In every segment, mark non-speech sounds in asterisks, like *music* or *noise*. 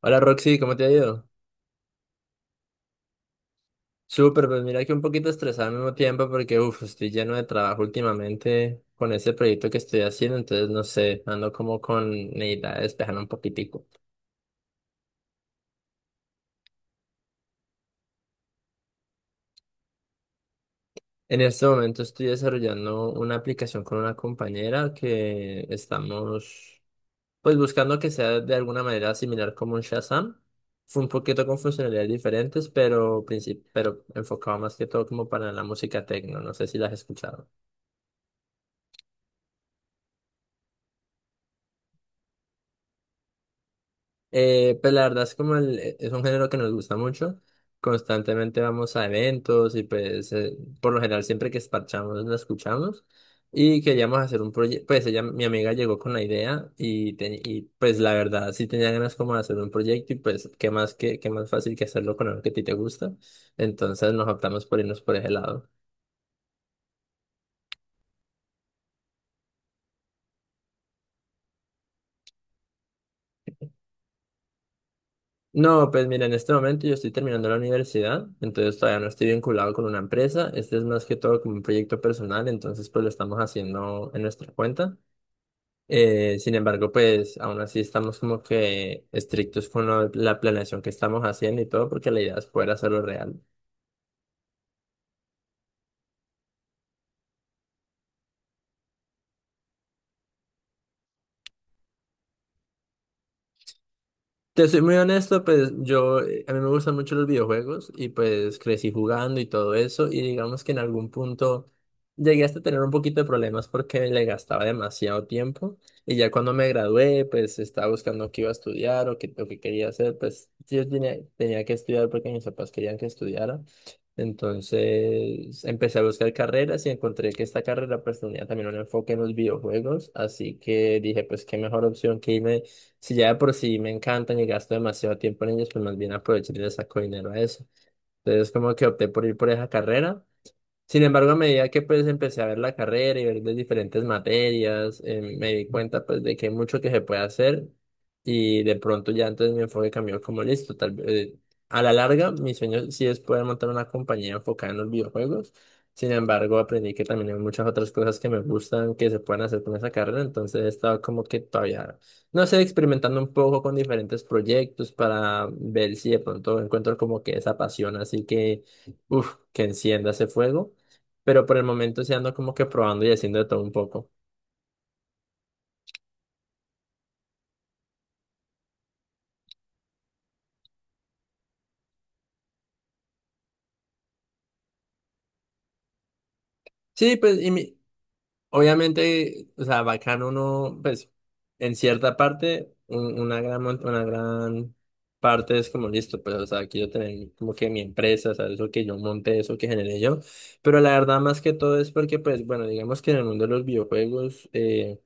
Hola Roxy, ¿cómo te ha ido? Súper, pues mira que un poquito estresado al mismo tiempo porque estoy lleno de trabajo últimamente con ese proyecto que estoy haciendo, entonces no sé, ando como con necesidad de despejarme un poquitico. En este momento estoy desarrollando una aplicación con una compañera que estamos pues buscando que sea de alguna manera similar como un Shazam. Fue un poquito con funcionalidades diferentes, pero, pero enfocado más que todo como para la música techno, no sé si la has escuchado. Pues la verdad es como es un género que nos gusta mucho. Constantemente vamos a eventos y por lo general siempre que esparchamos la escuchamos. Y queríamos hacer un proyecto, pues ella, mi amiga llegó con la idea y pues la verdad sí tenía ganas como de hacer un proyecto y pues qué más, qué más fácil que hacerlo con algo que a ti te gusta. Entonces nos optamos por irnos por ese lado. No, pues mira, en este momento yo estoy terminando la universidad, entonces todavía no estoy vinculado con una empresa. Este es más que todo como un proyecto personal, entonces pues lo estamos haciendo en nuestra cuenta. Sin embargo, pues aún así estamos como que estrictos con la planeación que estamos haciendo y todo, porque la idea es poder hacerlo real. Te soy muy honesto, pues a mí me gustan mucho los videojuegos y pues crecí jugando y todo eso y digamos que en algún punto llegué hasta tener un poquito de problemas porque le gastaba demasiado tiempo y ya cuando me gradué pues estaba buscando qué iba a estudiar o qué quería hacer, pues yo tenía que estudiar porque mis papás querían que estudiara. Entonces empecé a buscar carreras y encontré que esta carrera pues tenía también un enfoque en los videojuegos, así que dije pues qué mejor opción que irme, si ya de por sí me encantan y gasto demasiado tiempo en ellos, pues más bien aprovechar y le saco dinero a eso. Entonces como que opté por ir por esa carrera. Sin embargo, a medida que pues empecé a ver la carrera y ver las diferentes materias, me di cuenta pues de que hay mucho que se puede hacer y de pronto ya entonces mi enfoque cambió como listo. Tal vez, a la larga, mi sueño sí es poder montar una compañía enfocada en los videojuegos. Sin embargo, aprendí que también hay muchas otras cosas que me gustan que se pueden hacer con esa carrera, entonces he estado como que todavía, no sé, experimentando un poco con diferentes proyectos para ver si de pronto encuentro como que esa pasión, así que, que encienda ese fuego, pero por el momento sí ando como que probando y haciendo de todo un poco. Sí, pues, obviamente, o sea, bacano uno, pues, en cierta parte, una gran, una gran parte es como listo, pues, o sea, quiero tener como que mi empresa, o sea, eso que yo monté, eso que generé yo, pero la verdad más que todo es porque, pues, bueno, digamos que en el mundo de los videojuegos,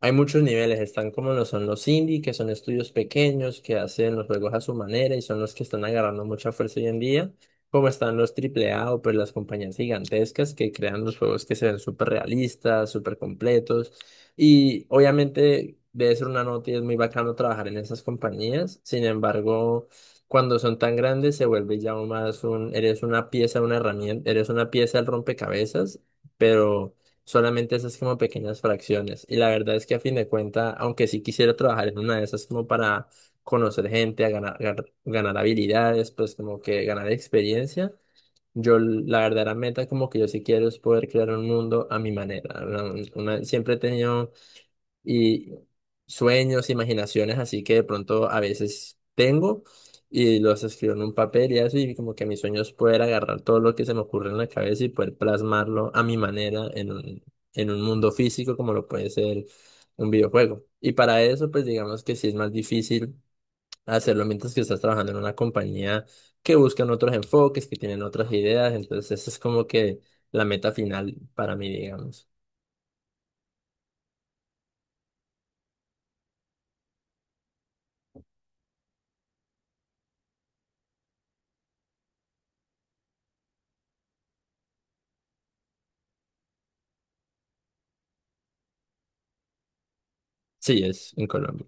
hay muchos niveles, están como lo son los indie, que son estudios pequeños que hacen los juegos a su manera y son los que están agarrando mucha fuerza hoy en día, como están los AAA o pues las compañías gigantescas que crean los juegos que se ven súper realistas, súper completos, y obviamente debe ser una nota y es muy bacano trabajar en esas compañías. Sin embargo, cuando son tan grandes se vuelve ya más un, eres una pieza, una herramienta, eres una pieza del rompecabezas, pero... solamente esas como pequeñas fracciones. Y la verdad es que a fin de cuentas, aunque sí quisiera trabajar en una de esas como para conocer gente, ganar habilidades, pues como que ganar experiencia, la verdadera meta como que yo sí quiero es poder crear un mundo a mi manera. Siempre he tenido y sueños, imaginaciones, así que de pronto a veces tengo y los escribo en un papel y eso, y como que mis sueños poder agarrar todo lo que se me ocurre en la cabeza y poder plasmarlo a mi manera en en un mundo físico como lo puede ser un videojuego. Y para eso, pues digamos que sí es más difícil hacerlo mientras que estás trabajando en una compañía que buscan otros enfoques, que tienen otras ideas, entonces esa es como que la meta final para mí, digamos. Sí, es en Colombia.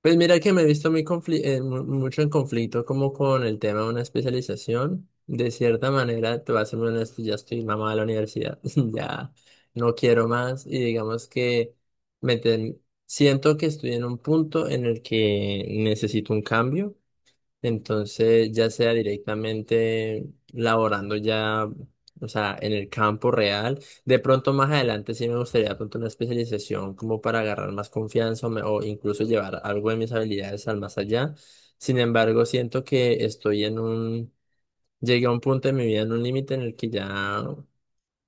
Pues mira que me he visto muy mucho en conflicto como con el tema de una especialización. De cierta manera, te voy a ser muy honesto, ya estoy mamado de la universidad, *laughs* ya no quiero más y digamos que me ten- siento que estoy en un punto en el que necesito un cambio. Entonces, ya sea directamente laborando ya, o sea, en el campo real, de pronto más adelante sí me gustaría de pronto una especialización como para agarrar más confianza o incluso llevar algo de mis habilidades al más allá. Sin embargo, siento que estoy en un, llegué a un punto de mi vida, en un límite en el que ya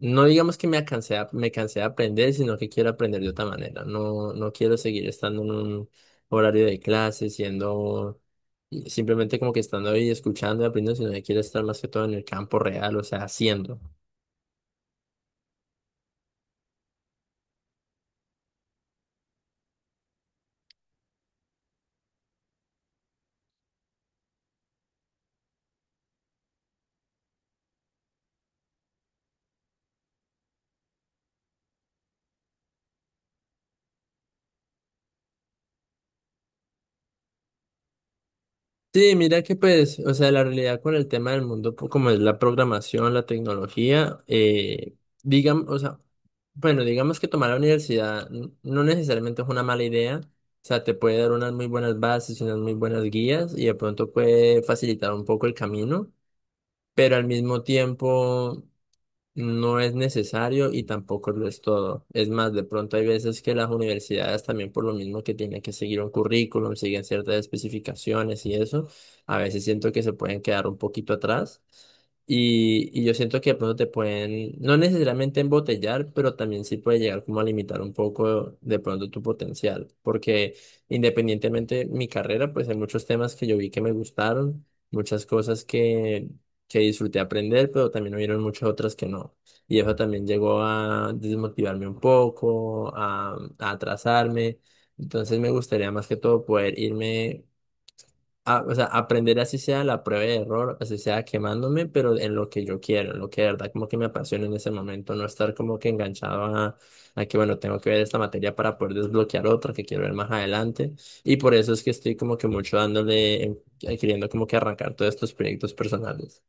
no digamos que me cansé, me cansé de aprender, sino que quiero aprender de otra manera. No, no quiero seguir estando en un horario de clase, siendo simplemente como que estando ahí escuchando y aprendiendo, sino que quiero estar más que todo en el campo real, o sea, haciendo. Sí, mira que pues, o sea, la realidad con el tema del mundo, como es la programación, la tecnología, digamos, o sea, bueno, digamos que tomar la universidad no necesariamente es una mala idea, o sea, te puede dar unas muy buenas bases, unas muy buenas guías y de pronto puede facilitar un poco el camino, pero al mismo tiempo... no es necesario y tampoco lo es todo. Es más, de pronto hay veces que las universidades también por lo mismo que tienen que seguir un currículum, siguen ciertas especificaciones y eso, a veces siento que se pueden quedar un poquito atrás. Y yo siento que de pronto te pueden, no necesariamente embotellar, pero también sí puede llegar como a limitar un poco de pronto tu potencial. Porque independientemente de mi carrera, pues hay muchos temas que yo vi que me gustaron, muchas cosas que disfruté aprender, pero también hubieron muchas otras que no. Y eso también llegó a desmotivarme un poco, a atrasarme. Entonces me gustaría más que todo poder irme, a, o sea, aprender así sea la prueba de error, así sea quemándome, pero en lo que yo quiero, en lo que de verdad como que me apasiona en ese momento, no estar como que enganchado a que, bueno, tengo que ver esta materia para poder desbloquear otra que quiero ver más adelante. Y por eso es que estoy como que mucho dándole, queriendo como que arrancar todos estos proyectos personales.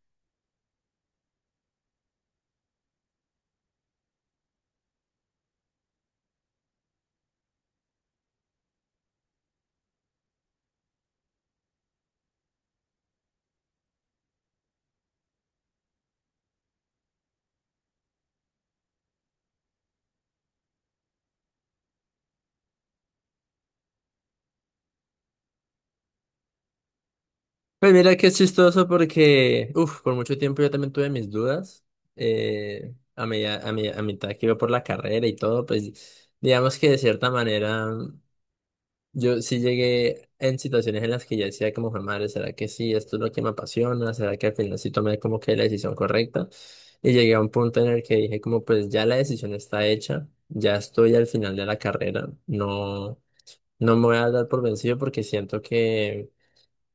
Pues mira que es chistoso porque, por mucho tiempo yo también tuve mis dudas. A a mitad que iba por la carrera y todo, pues digamos que de cierta manera yo sí llegué en situaciones en las que ya decía como, "Jue madre, ¿será que sí? Esto es lo que me apasiona, ¿será que al final sí tomé como que la decisión correcta?" Y llegué a un punto en el que dije como, pues ya la decisión está hecha, ya estoy al final de la carrera, no, no me voy a dar por vencido porque siento que...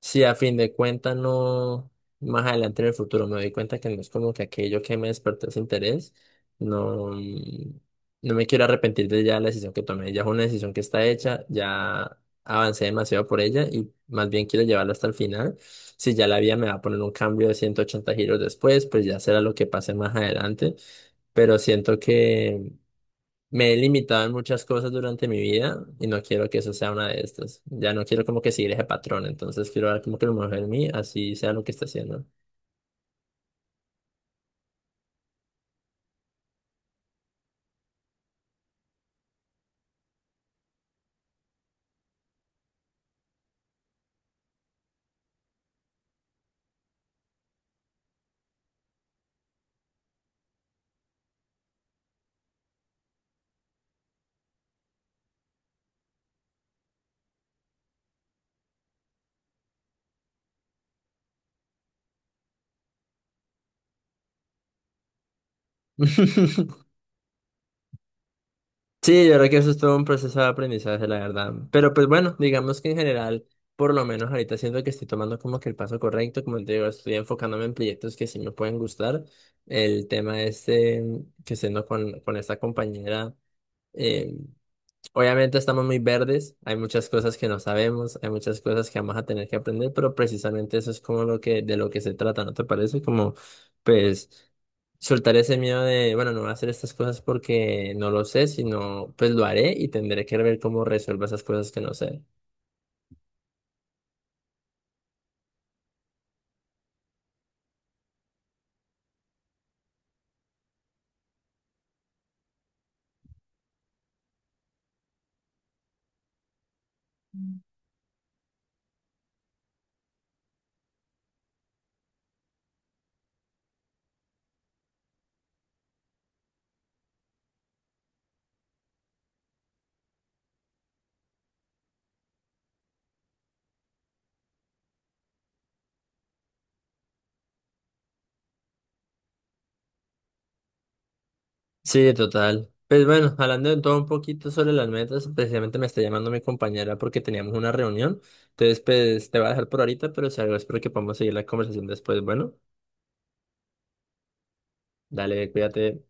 sí, a fin de cuentas, no, más adelante en el futuro me doy cuenta que no es como que aquello que me despertó ese interés, no, no me quiero arrepentir de ya la decisión que tomé, ya es una decisión que está hecha, ya avancé demasiado por ella y más bien quiero llevarla hasta el final. Si ya la vida me va a poner un cambio de 180 giros después, pues ya será lo que pase más adelante, pero siento que... me he limitado en muchas cosas durante mi vida y no quiero que eso sea una de estas. Ya no quiero como que seguir ese patrón, entonces quiero ver como que lo mejor en mí, así sea lo que esté haciendo. *laughs* Sí, yo creo que eso es todo un proceso de aprendizaje, la verdad. Pero pues bueno, digamos que en general, por lo menos ahorita siento que estoy tomando como que el paso correcto, como te digo, estoy enfocándome en proyectos que sí me pueden gustar. El tema este que siendo con esta compañera. em, Obviamente estamos muy verdes, hay muchas cosas que no sabemos, hay muchas cosas que vamos a tener que aprender, pero precisamente eso es como lo que, de lo que se trata, ¿no te parece? Como, pues, soltar ese miedo de, bueno, no voy a hacer estas cosas porque no lo sé, sino, pues lo haré y tendré que ver cómo resuelvo esas cosas que no sé. Sí, total. Pues bueno, hablando de todo un poquito sobre las metas, precisamente me está llamando mi compañera porque teníamos una reunión, entonces, pues, te voy a dejar por ahorita, pero si algo espero que podamos seguir la conversación después. Bueno, dale, cuídate.